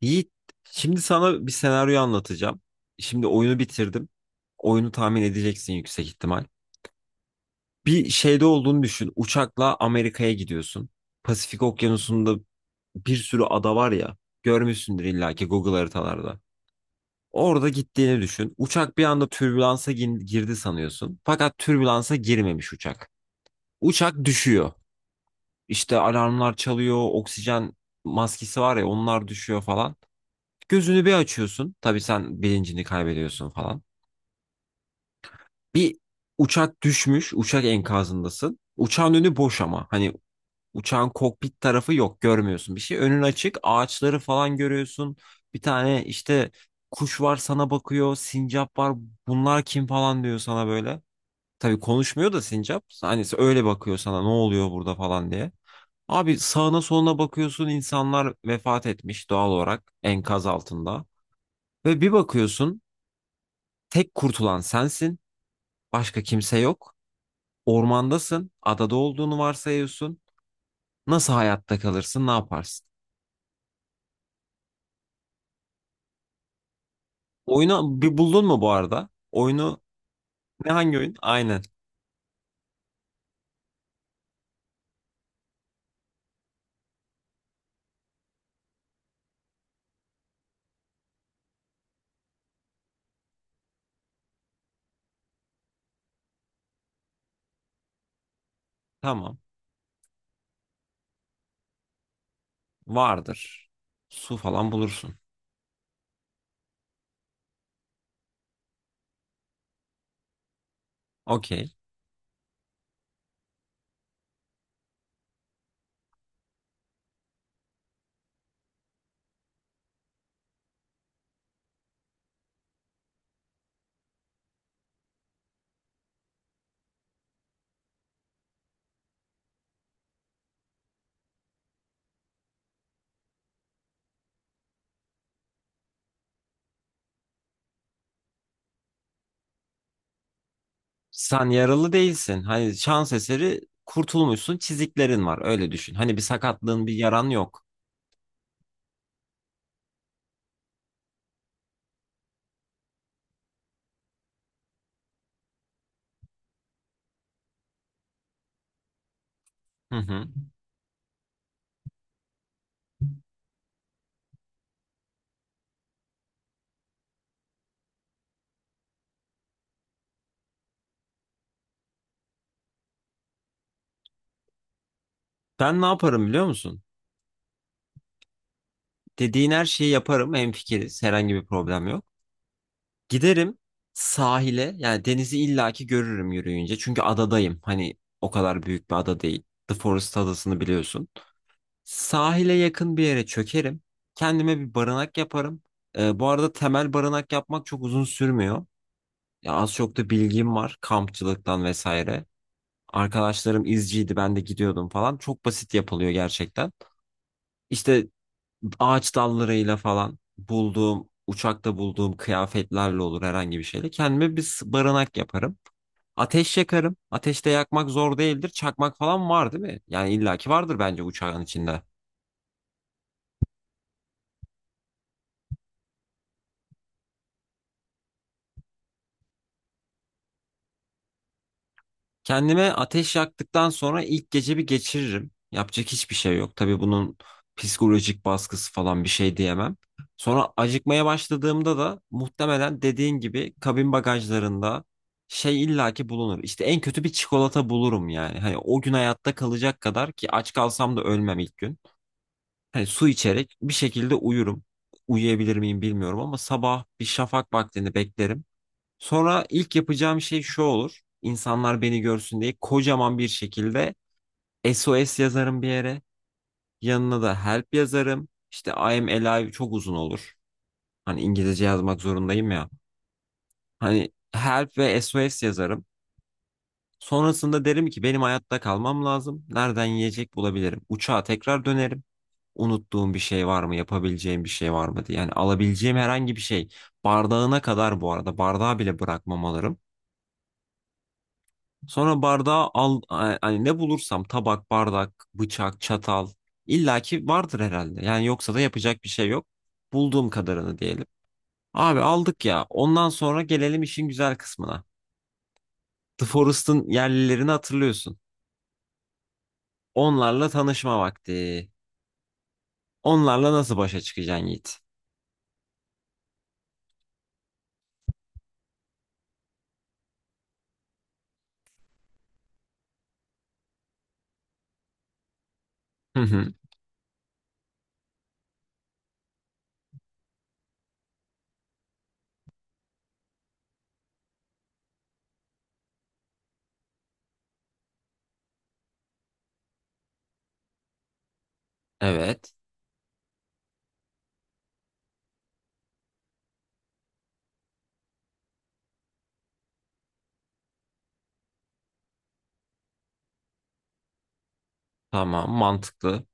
Yiğit, şimdi sana bir senaryo anlatacağım. Şimdi oyunu bitirdim. Oyunu tahmin edeceksin yüksek ihtimal. Bir şeyde olduğunu düşün. Uçakla Amerika'ya gidiyorsun. Pasifik Okyanusu'nda bir sürü ada var ya. Görmüşsündür illaki Google haritalarda. Orada gittiğini düşün. Uçak bir anda türbülansa girdi sanıyorsun. Fakat türbülansa girmemiş uçak. Uçak düşüyor. İşte alarmlar çalıyor, oksijen maskesi var ya onlar düşüyor falan. Gözünü bir açıyorsun. Tabii sen bilincini kaybediyorsun falan. Bir uçak düşmüş. Uçak enkazındasın. Uçağın önü boş ama. Hani uçağın kokpit tarafı yok. Görmüyorsun bir şey. Önün açık. Ağaçları falan görüyorsun. Bir tane işte kuş var sana bakıyor. Sincap var. Bunlar kim falan diyor sana böyle. Tabii konuşmuyor da sincap. Hani öyle bakıyor sana ne oluyor burada falan diye. Abi sağına soluna bakıyorsun insanlar vefat etmiş doğal olarak enkaz altında. Ve bir bakıyorsun tek kurtulan sensin. Başka kimse yok. Ormandasın. Adada olduğunu varsayıyorsun. Nasıl hayatta kalırsın? Ne yaparsın? Oyunu bir buldun mu bu arada? Oyunu hangi oyun? Aynen. Tamam. Vardır. Su falan bulursun. Okey. Sen yaralı değilsin. Hani şans eseri kurtulmuşsun. Çiziklerin var. Öyle düşün. Hani bir sakatlığın, bir yaran yok. Hı hı. Ben ne yaparım biliyor musun? Dediğin her şeyi yaparım. Hemfikiriz. Herhangi bir problem yok. Giderim sahile, yani denizi illaki görürüm yürüyünce. Çünkü adadayım. Hani o kadar büyük bir ada değil. The Forest adasını biliyorsun. Sahile yakın bir yere çökerim. Kendime bir barınak yaparım. Bu arada temel barınak yapmak çok uzun sürmüyor. Ya az çok da bilgim var kampçılıktan vesaire. Arkadaşlarım izciydi, ben de gidiyordum falan. Çok basit yapılıyor gerçekten. İşte ağaç dallarıyla falan bulduğum, uçakta bulduğum kıyafetlerle olur, herhangi bir şeyle. Kendime bir barınak yaparım. Ateş yakarım. Ateşte yakmak zor değildir. Çakmak falan var değil mi? Yani illaki vardır bence uçağın içinde. Kendime ateş yaktıktan sonra ilk gece bir geçiririm. Yapacak hiçbir şey yok. Tabii bunun psikolojik baskısı falan bir şey diyemem. Sonra acıkmaya başladığımda da muhtemelen dediğin gibi kabin bagajlarında şey illaki bulunur. İşte en kötü bir çikolata bulurum yani. Hani o gün hayatta kalacak kadar ki, aç kalsam da ölmem ilk gün. Hani su içerek bir şekilde uyurum. Uyuyabilir miyim bilmiyorum ama sabah bir şafak vaktini beklerim. Sonra ilk yapacağım şey şu olur. İnsanlar beni görsün diye kocaman bir şekilde SOS yazarım bir yere. Yanına da help yazarım. İşte I am alive çok uzun olur. Hani İngilizce yazmak zorundayım ya. Hani help ve SOS yazarım. Sonrasında derim ki benim hayatta kalmam lazım. Nereden yiyecek bulabilirim? Uçağa tekrar dönerim. Unuttuğum bir şey var mı? Yapabileceğim bir şey var mı diye. Yani alabileceğim herhangi bir şey. Bardağına kadar bu arada. Bardağı bile bırakmam, alırım. Sonra bardağı al, hani ne bulursam tabak, bardak, bıçak, çatal illaki vardır herhalde. Yani yoksa da yapacak bir şey yok. Bulduğum kadarını diyelim. Abi aldık ya. Ondan sonra gelelim işin güzel kısmına. The Forest'ın yerlilerini hatırlıyorsun. Onlarla tanışma vakti. Onlarla nasıl başa çıkacaksın Yiğit? Hı hı. Evet. Tamam, mantıklı.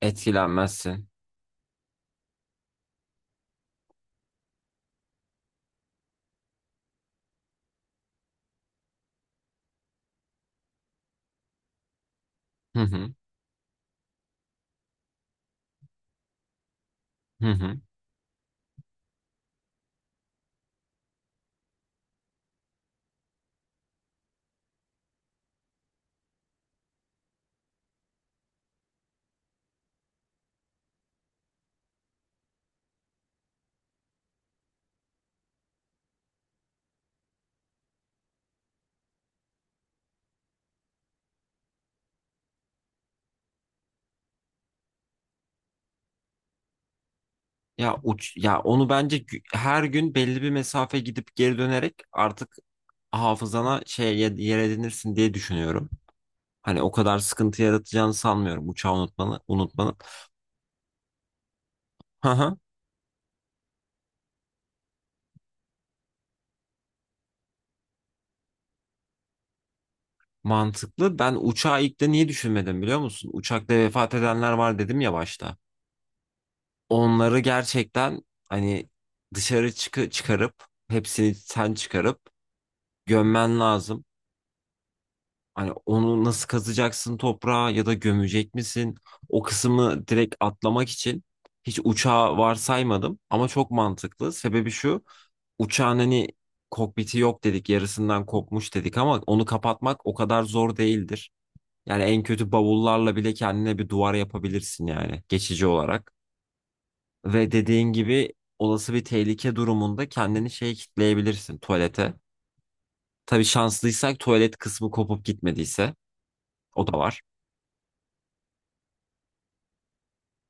Etkilenmezsin. Hı hı. Hı hı. Ya uç ya onu bence her gün belli bir mesafe gidip geri dönerek artık hafızana yer edinirsin diye düşünüyorum. Hani o kadar sıkıntı yaratacağını sanmıyorum uçağı unutmanın. Hı hı. Mantıklı. Ben uçağı ilk de niye düşünmedim biliyor musun? Uçakta vefat edenler var dedim ya başta. Onları gerçekten hani dışarı çıkarıp hepsini çıkarıp gömmen lazım. Hani onu nasıl kazacaksın toprağa, ya da gömecek misin? O kısmı direkt atlamak için hiç uçağı varsaymadım ama çok mantıklı. Sebebi şu. Uçağın hani kokpiti yok dedik, yarısından kopmuş dedik, ama onu kapatmak o kadar zor değildir. Yani en kötü bavullarla bile kendine bir duvar yapabilirsin, yani geçici olarak. Ve dediğin gibi olası bir tehlike durumunda kendini şeye kitleyebilirsin, tuvalete. Tabii şanslıysak, tuvalet kısmı kopup gitmediyse, o da var.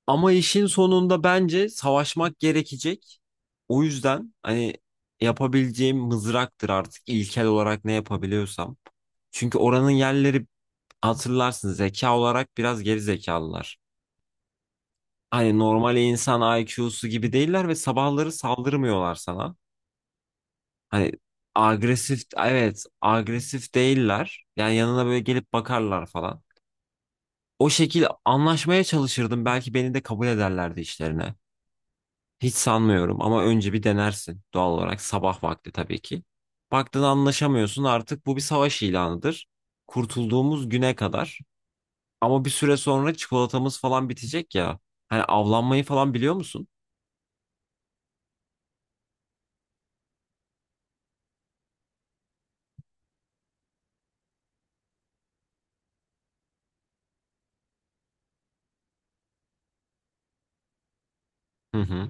Ama işin sonunda bence savaşmak gerekecek. O yüzden hani yapabileceğim mızraktır artık, ilkel olarak ne yapabiliyorsam. Çünkü oranın yerleri, hatırlarsın, zeka olarak biraz geri zekalılar. Hani normal insan IQ'su gibi değiller ve sabahları saldırmıyorlar sana. Hani agresif değiller. Yani yanına böyle gelip bakarlar falan. O şekil anlaşmaya çalışırdım. Belki beni de kabul ederlerdi işlerine. Hiç sanmıyorum ama önce bir denersin doğal olarak, sabah vakti tabii ki. Baktın anlaşamıyorsun, artık bu bir savaş ilanıdır. Kurtulduğumuz güne kadar. Ama bir süre sonra çikolatamız falan bitecek ya. Hani avlanmayı falan biliyor musun? Hı hı.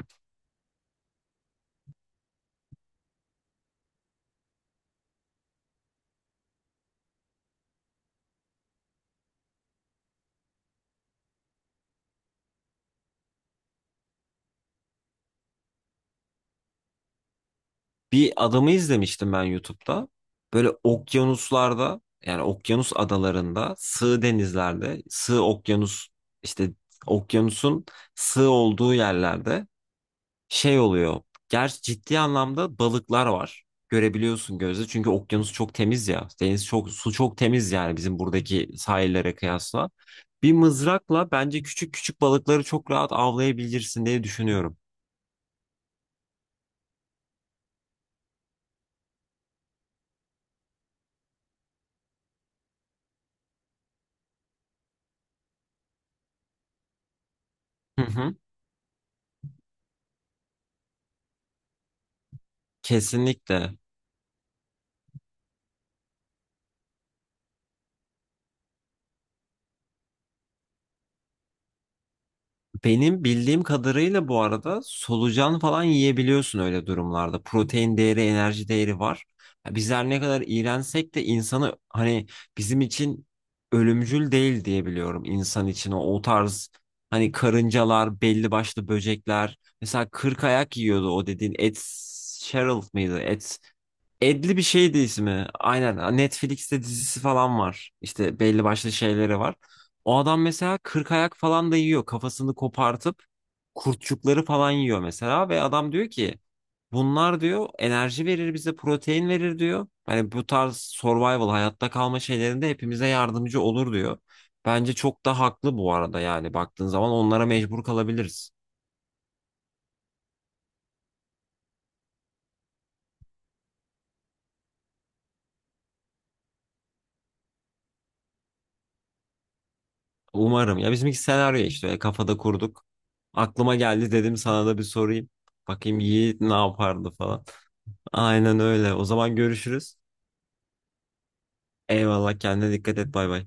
Bir adamı izlemiştim ben YouTube'da. Böyle okyanuslarda, yani okyanus adalarında, sığ denizlerde, sığ okyanus, işte okyanusun sığ olduğu yerlerde şey oluyor. Gerçi ciddi anlamda balıklar var. Görebiliyorsun gözle. Çünkü okyanus çok temiz ya. Deniz çok, su çok temiz yani bizim buradaki sahillere kıyasla. Bir mızrakla bence küçük küçük balıkları çok rahat avlayabilirsin diye düşünüyorum. Hı hı. Kesinlikle. Benim bildiğim kadarıyla bu arada solucan falan yiyebiliyorsun öyle durumlarda. Protein değeri, enerji değeri var. Ya bizler ne kadar iğrensek de insanı, hani bizim için ölümcül değil diye biliyorum, insan için o tarz hani karıncalar, belli başlı böcekler. Mesela kırk ayak yiyordu, o dediğin Ed Sheeran mıydı? Edli bir şeydi ismi. Aynen. Netflix'te dizisi falan var. İşte belli başlı şeyleri var. O adam mesela 40 ayak falan da yiyor, kafasını kopartıp kurtçukları falan yiyor mesela. Ve adam diyor ki bunlar diyor enerji verir bize, protein verir diyor. Hani bu tarz survival, hayatta kalma şeylerinde hepimize yardımcı olur diyor. Bence çok da haklı bu arada, yani baktığın zaman onlara mecbur kalabiliriz. Umarım. Ya bizimki senaryo, işte kafada kurduk. Aklıma geldi, dedim sana da bir sorayım. Bakayım Yiğit ne yapardı falan. Aynen öyle. O zaman görüşürüz. Eyvallah, kendine dikkat et, bay bay.